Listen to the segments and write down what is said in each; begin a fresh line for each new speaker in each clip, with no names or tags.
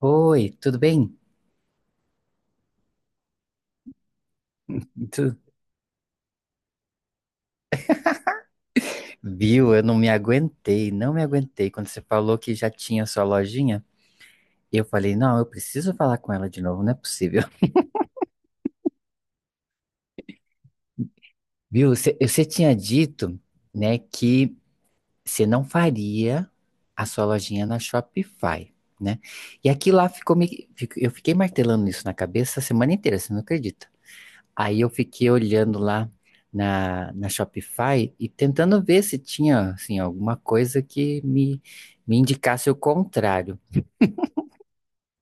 Oi, tudo bem? Tu- Viu? Eu não me aguentei, não me aguentei. Quando você falou que já tinha sua lojinha, eu falei, não, eu preciso falar com ela de novo, não é possível. Viu? Você tinha dito, né, que você não faria a sua lojinha na Shopify, né? E aqui lá eu fiquei martelando isso na cabeça a semana inteira, você não acredita? Aí eu fiquei olhando lá na Shopify e tentando ver se tinha assim, alguma coisa me indicasse o contrário.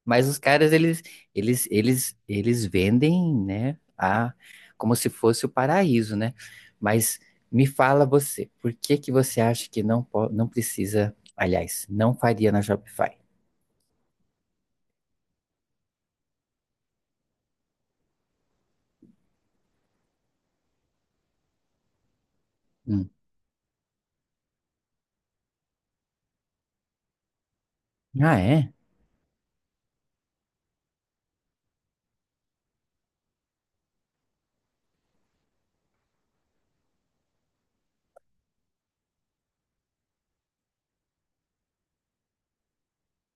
Mas os caras, eles, eles vendem, né, a, como se fosse o paraíso, né? Mas me fala você, por que que você acha que não precisa, aliás, não faria na Shopify? Hum. Ah, é?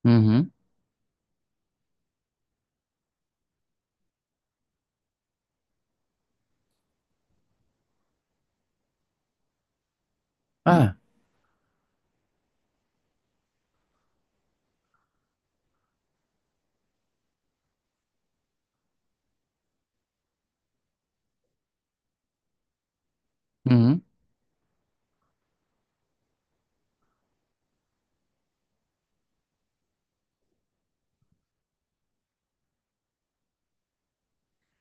Uhum. Ah, uhum.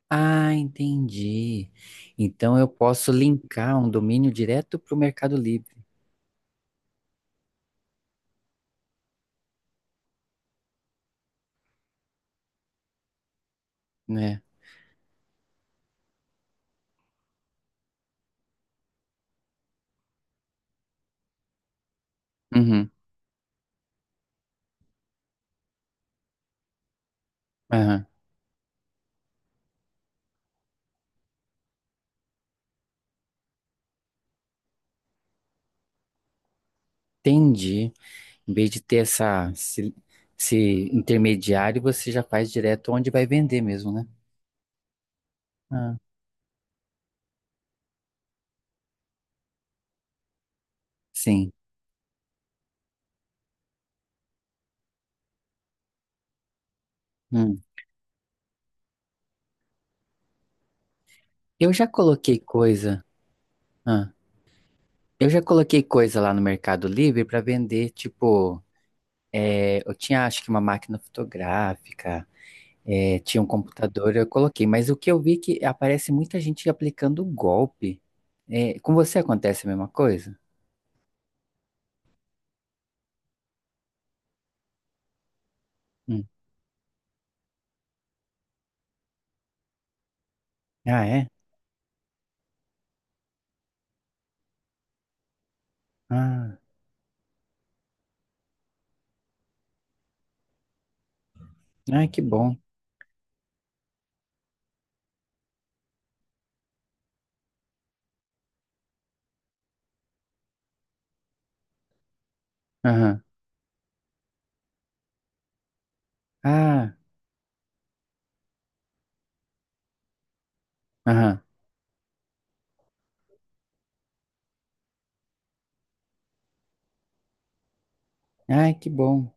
Ah, entendi. Então eu posso linkar um domínio direto para o Mercado Livre, né? Uhum, aham. Entendi. Em vez de ter esse intermediário, você já faz direto onde vai vender mesmo, né? Ah, sim. Hum. Eu já coloquei coisa. Ah, eu já coloquei coisa lá no Mercado Livre para vender, tipo, é, eu tinha acho que uma máquina fotográfica. É, tinha um computador, eu coloquei, mas o que eu vi é que aparece muita gente aplicando golpe. É, com você acontece a mesma coisa? Hum. Ah, é? Ah, ai, que bom. Aham. Ah, aham. Ai, que bom,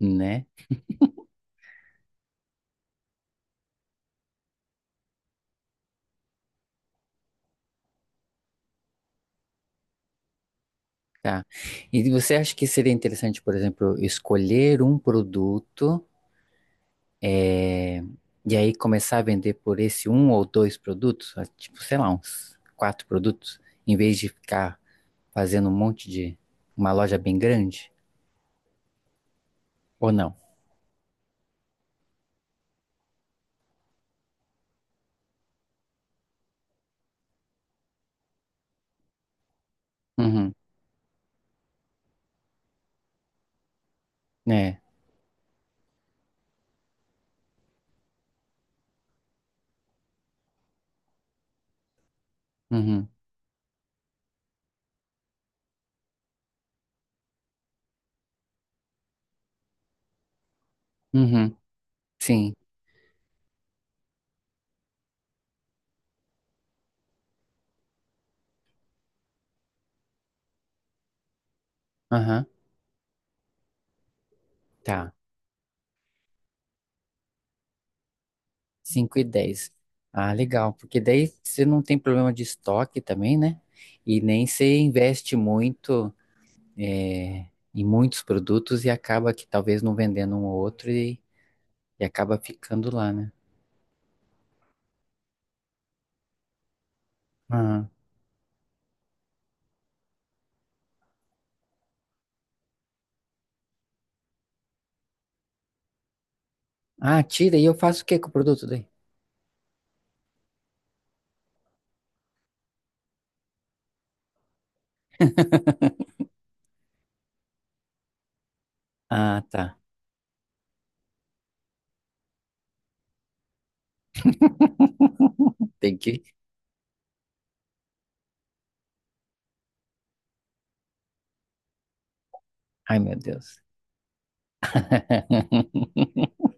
né? Tá. E você acha que seria interessante, por exemplo, escolher um produto é, e aí começar a vender por esse um ou dois produtos? Ah, tipo, sei lá, uns quatro produtos, em vez de ficar fazendo um monte de uma loja bem grande? Ou não? Uhum. É. Uhum. Uhum. Sim. Aham. Tá. Cinco e dez. Ah, legal. Porque daí você não tem problema de estoque também, né? E nem você investe muito é, em muitos produtos e acaba que talvez não vendendo um ou outro e acaba ficando lá, né? Aham. Ah, tira e eu faço o que com o produto daí? Ah, tá. Tem que. Ai, meu Deus.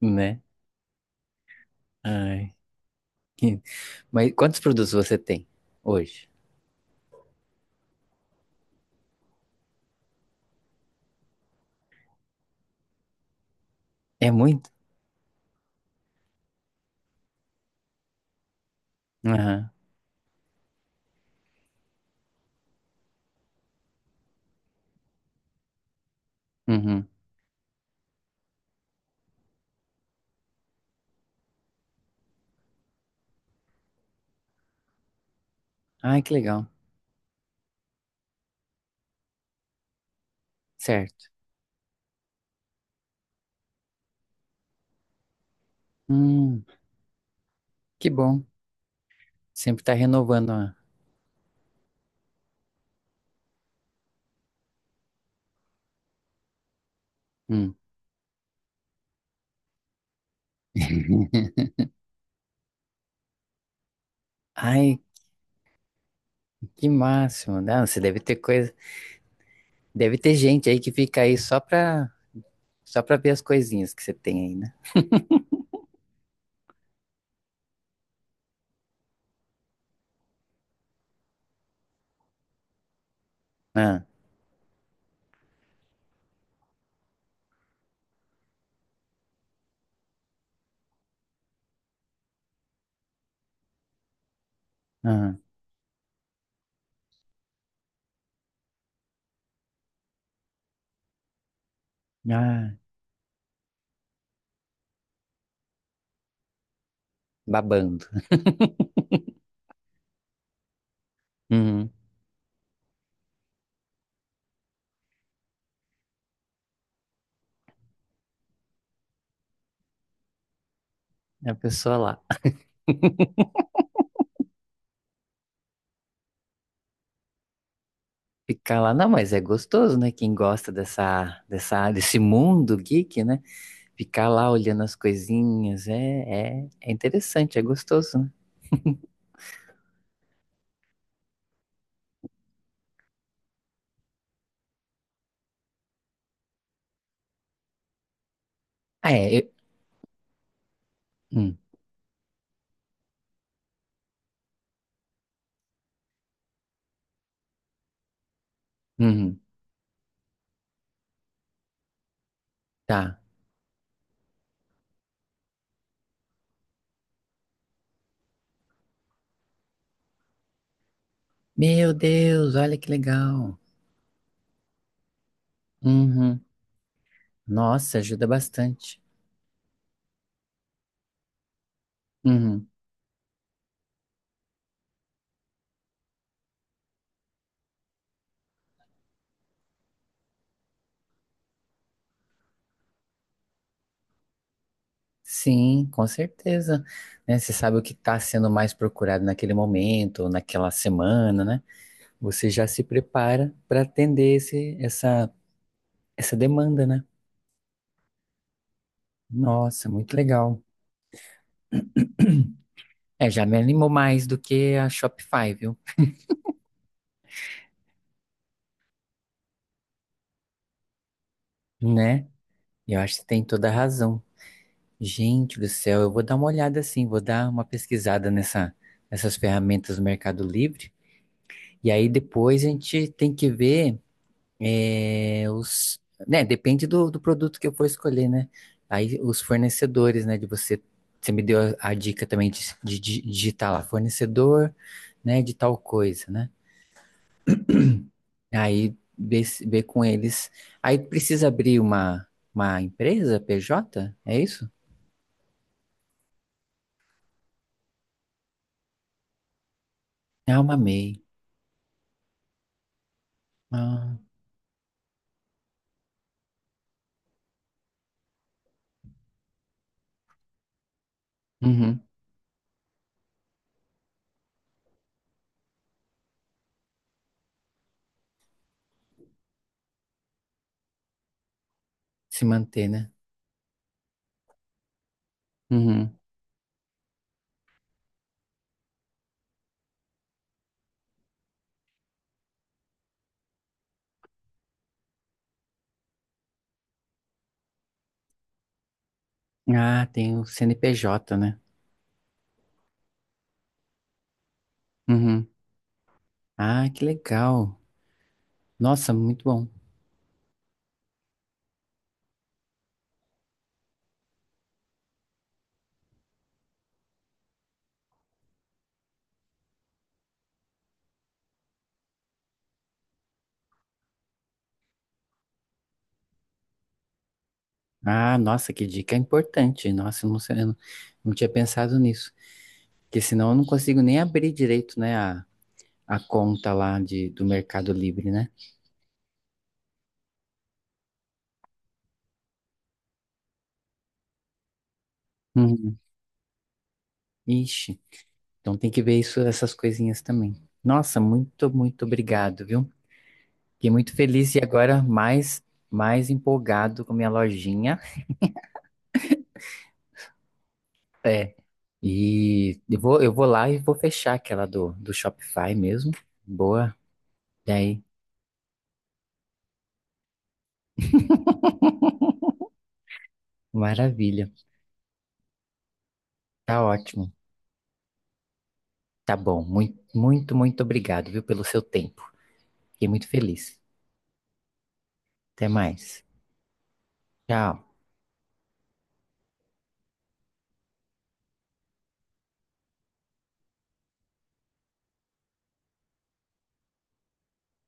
Né? Ai. que- Mas quantos produtos você tem hoje? É muito? Aham. Uhum. Ai, que legal. Certo. Hum, que bom. Sempre tá renovando a... Hum. Ai, que máximo. Não, você deve ter coisa... Deve ter gente aí que fica aí só pra... Só pra ver as coisinhas que você tem aí, né? Ah, ah, ah, Babando. Uhum. A pessoa lá. Ficar lá, não, mas é gostoso, né? Quem gosta desse mundo geek, né? Ficar lá olhando as coisinhas é interessante, é gostoso, né? Ah, é. Hum. Uhum, tá. Meu Deus, olha que legal. Uhum. Nossa, ajuda bastante. Uhum. Sim, com certeza. Né, você sabe o que está sendo mais procurado naquele momento, naquela semana, né? Você já se prepara para atender essa demanda, né? Nossa, muito legal. É, já me animou mais do que a Shopify, viu? Né? E eu acho que tem toda a razão. Gente do céu, eu vou dar uma olhada assim, vou dar uma nessas ferramentas do Mercado Livre. E aí depois a gente tem que ver eh, os. Né, depende do produto que eu for escolher, né? Aí os fornecedores, né? De você. Você me deu a dica também de digitar lá, fornecedor, né? De tal coisa, né? Aí ver, ver com eles. Aí precisa abrir uma empresa, PJ? É isso? É uma MEI. Ah, uhum. Se manter, né? Uhum. Ah, tem o CNPJ, né? Uhum. Ah, que legal. Nossa, muito bom. Ah, nossa, que dica importante. Nossa, eu não sei, eu não, não tinha pensado nisso. Porque senão eu não consigo nem abrir direito, né, a conta lá de, do Mercado Livre, né? Uhum. Ixi, então tem que ver isso, essas coisinhas também. Nossa, muito obrigado, viu? Fiquei muito feliz e agora mais, mais empolgado com minha lojinha. É. E eu vou lá e vou fechar aquela do Shopify mesmo. Boa. E aí, maravilha. Tá ótimo. Tá bom. Muito obrigado, viu, pelo seu tempo. Fiquei muito feliz. Até mais. Tchau.